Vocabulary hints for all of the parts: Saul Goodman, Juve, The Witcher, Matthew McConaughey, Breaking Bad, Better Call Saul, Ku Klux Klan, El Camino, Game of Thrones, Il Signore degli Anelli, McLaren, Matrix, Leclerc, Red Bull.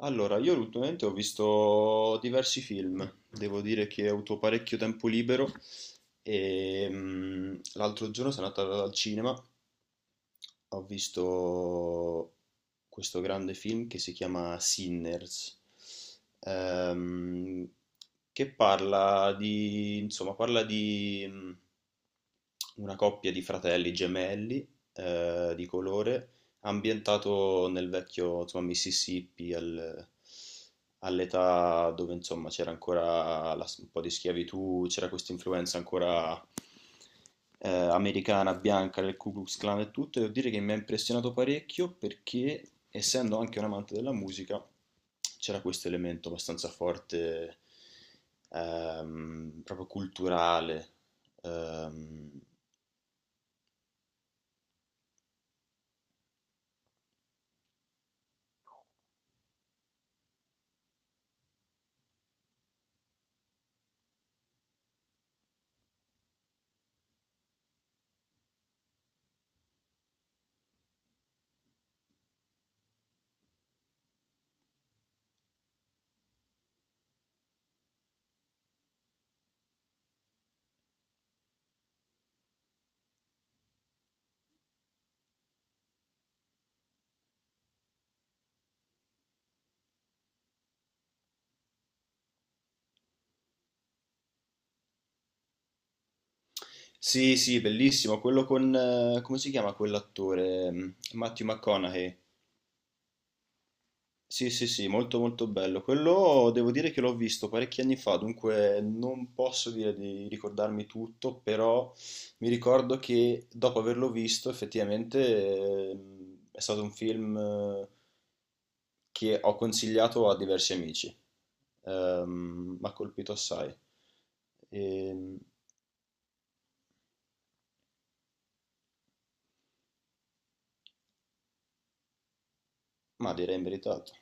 Allora, io ultimamente ho visto diversi film, devo dire che ho avuto parecchio tempo libero e l'altro giorno sono andato al cinema. Ho visto questo grande film che si chiama Sinners, ehm, che parla di, insomma, parla di una coppia di fratelli gemelli di colore, ambientato nel vecchio, insomma, Mississippi, all'età dove, insomma, c'era ancora un po' di schiavitù, c'era questa influenza ancora americana, bianca, del Ku Klux Klan e tutto, e devo dire che mi ha impressionato parecchio perché, essendo anche un amante della musica, c'era questo elemento abbastanza forte, proprio culturale. Ehm, sì, sì, bellissimo, quello con, come si chiama quell'attore? Matthew McConaughey. Sì, sì, sì, molto molto bello. Quello devo dire che l'ho visto parecchi anni fa, dunque non posso dire di ricordarmi tutto, però mi ricordo che dopo averlo visto effettivamente è stato un film che ho consigliato a diversi amici. Mi ha colpito assai, Ehm, ma direi meritato.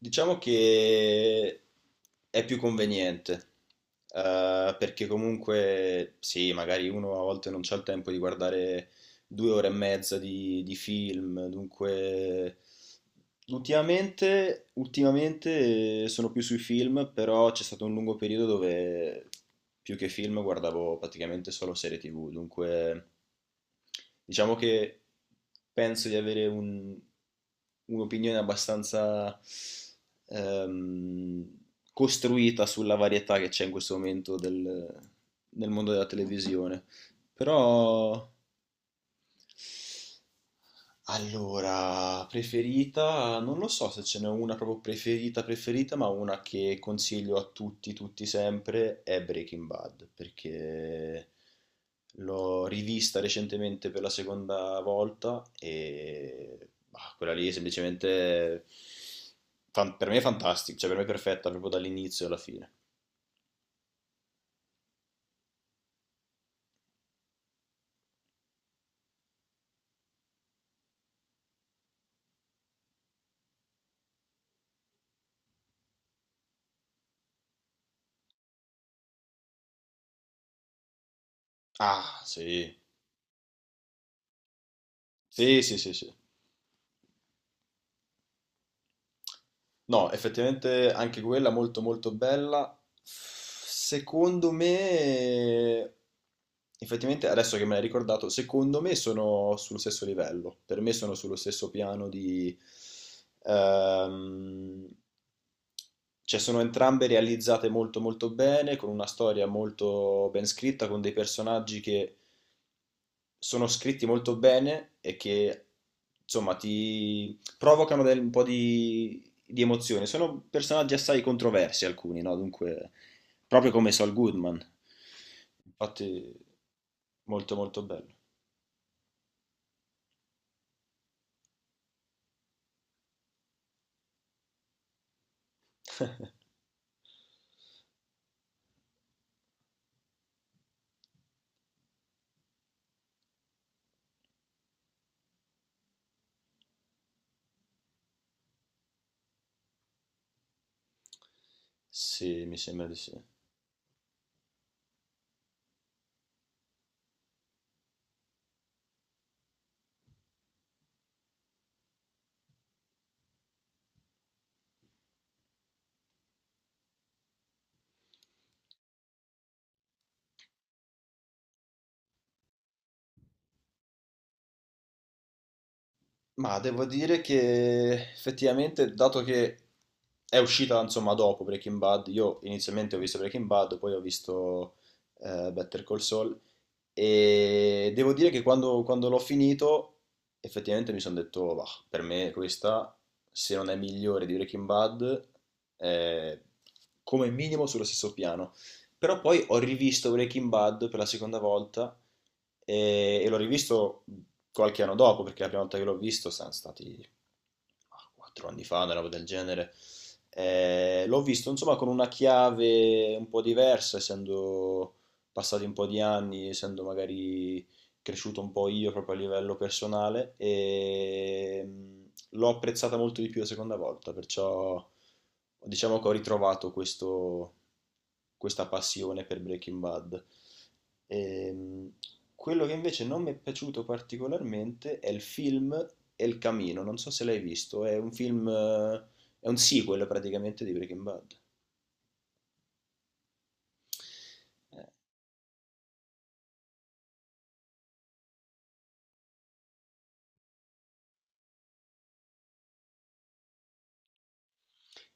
Diciamo che è più conveniente, perché comunque sì, magari uno a volte non c'ha il tempo di guardare 2 ore e mezza di film, dunque ultimamente, ultimamente sono più sui film, però c'è stato un lungo periodo dove più che film guardavo praticamente solo serie TV, dunque diciamo che penso di avere un'opinione abbastanza ehm, costruita sulla varietà che c'è in questo momento nel mondo della televisione. Però allora, preferita, non lo so se ce n'è una proprio preferita preferita, ma una che consiglio a tutti, tutti sempre, è Breaking Bad, perché l'ho rivista recentemente per la seconda volta e bah, quella lì è semplicemente, per me è fantastica, cioè per me è perfetta proprio dall'inizio alla fine. Ah, sì, sì, sì, sì, sì. No, effettivamente anche quella molto molto bella. Secondo me, effettivamente adesso che me l'hai ricordato, secondo me sono sullo stesso livello. Per me sono sullo stesso piano ehm, cioè sono entrambe realizzate molto molto bene, con una storia molto ben scritta, con dei personaggi che sono scritti molto bene e che insomma ti provocano un po' di emozione. Sono personaggi assai controversi alcuni, no? Dunque, proprio come Saul Goodman. Infatti, molto molto bello. Sì, mi sembra di sì. Ma devo dire che effettivamente, dato che è uscita insomma dopo Breaking Bad, io inizialmente ho visto Breaking Bad, poi ho visto Better Call Saul, e devo dire che quando l'ho finito effettivamente mi sono detto, "Bah, per me questa, se non è migliore di Breaking Bad, è come minimo sullo stesso piano." Però poi ho rivisto Breaking Bad per la seconda volta e l'ho rivisto qualche anno dopo, perché la prima volta che l'ho visto sono stati 4 anni fa, una roba del genere. L'ho visto insomma con una chiave un po' diversa, essendo passati un po' di anni, essendo magari cresciuto un po' io proprio a livello personale e l'ho apprezzata molto di più la seconda volta, perciò diciamo che ho ritrovato questa passione per Breaking Bad. Ehm, Quello che invece non mi è piaciuto particolarmente è il film El Camino, non so se l'hai visto, è un film, è un sequel praticamente di Breaking Bad. Eh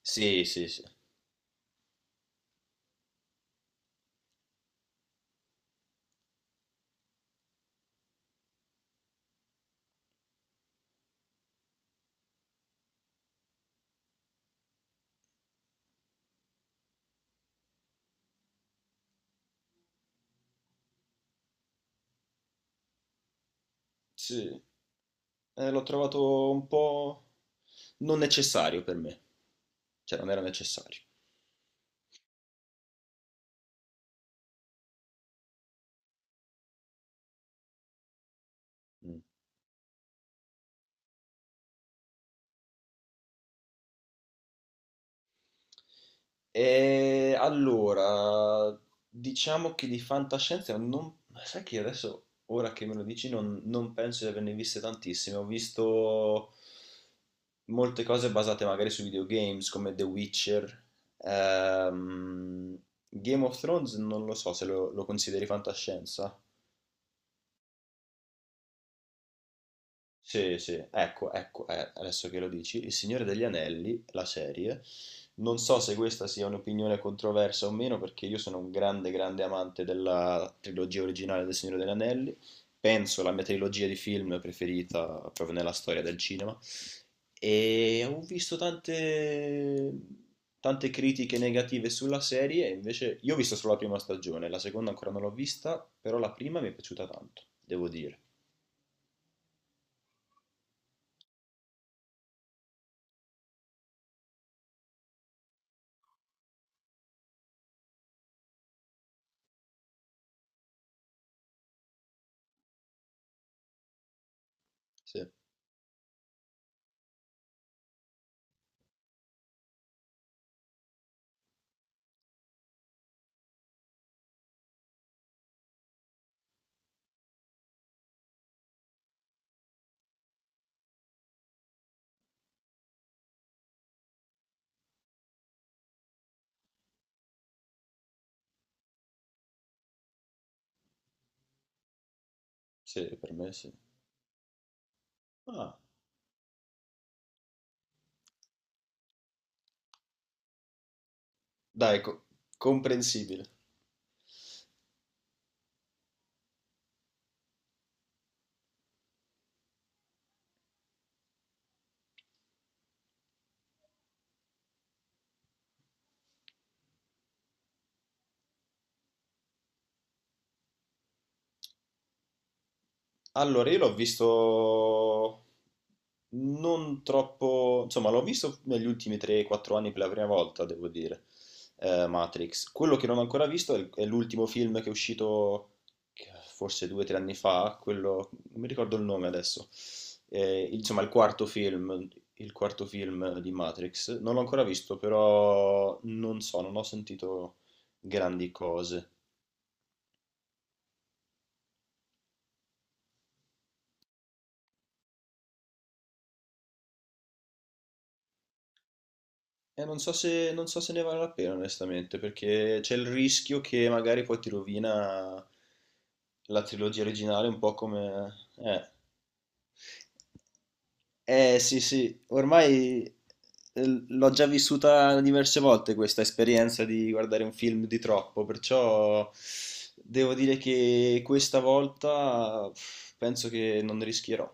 sì, sì, sì. Sì. L'ho trovato un po' non necessario per me, cioè non era necessario. Mm. E allora, diciamo che di fantascienza non. Ma sai che adesso, ora che me lo dici, non penso di averne viste tantissime. Ho visto molte cose basate magari su videogames come The Witcher. Ehm, Game of Thrones non lo so se lo consideri fantascienza. Sì, sì, ecco, ecco, adesso che lo dici, Il Signore degli Anelli, la serie, non so se questa sia un'opinione controversa o meno, perché io sono un grande, grande amante della trilogia originale del Signore degli Anelli, penso la mia trilogia di film preferita proprio nella storia del cinema, e ho visto tante, tante critiche negative sulla serie, invece io ho visto solo la prima stagione, la seconda ancora non l'ho vista, però la prima mi è piaciuta tanto, devo dire. Sì, sì, per me sì. Ah, dai, comprensibile. Allora, io l'ho visto non troppo, insomma, l'ho visto negli ultimi 3-4 anni per la prima volta, devo dire, Matrix. Quello che non ho ancora visto è l'ultimo film che è uscito che- forse 2-3 anni fa, quello, non mi ricordo il nome adesso. Insomma, il quarto film di Matrix. Non l'ho ancora visto, però non so, non ho sentito grandi cose. Non so se ne vale la pena, onestamente, perché c'è il rischio che magari poi ti rovina la trilogia originale, un po' come. Eh sì, sì, ormai l'ho già vissuta diverse volte questa esperienza di guardare un film di troppo, perciò devo dire che questa volta penso che non rischierò.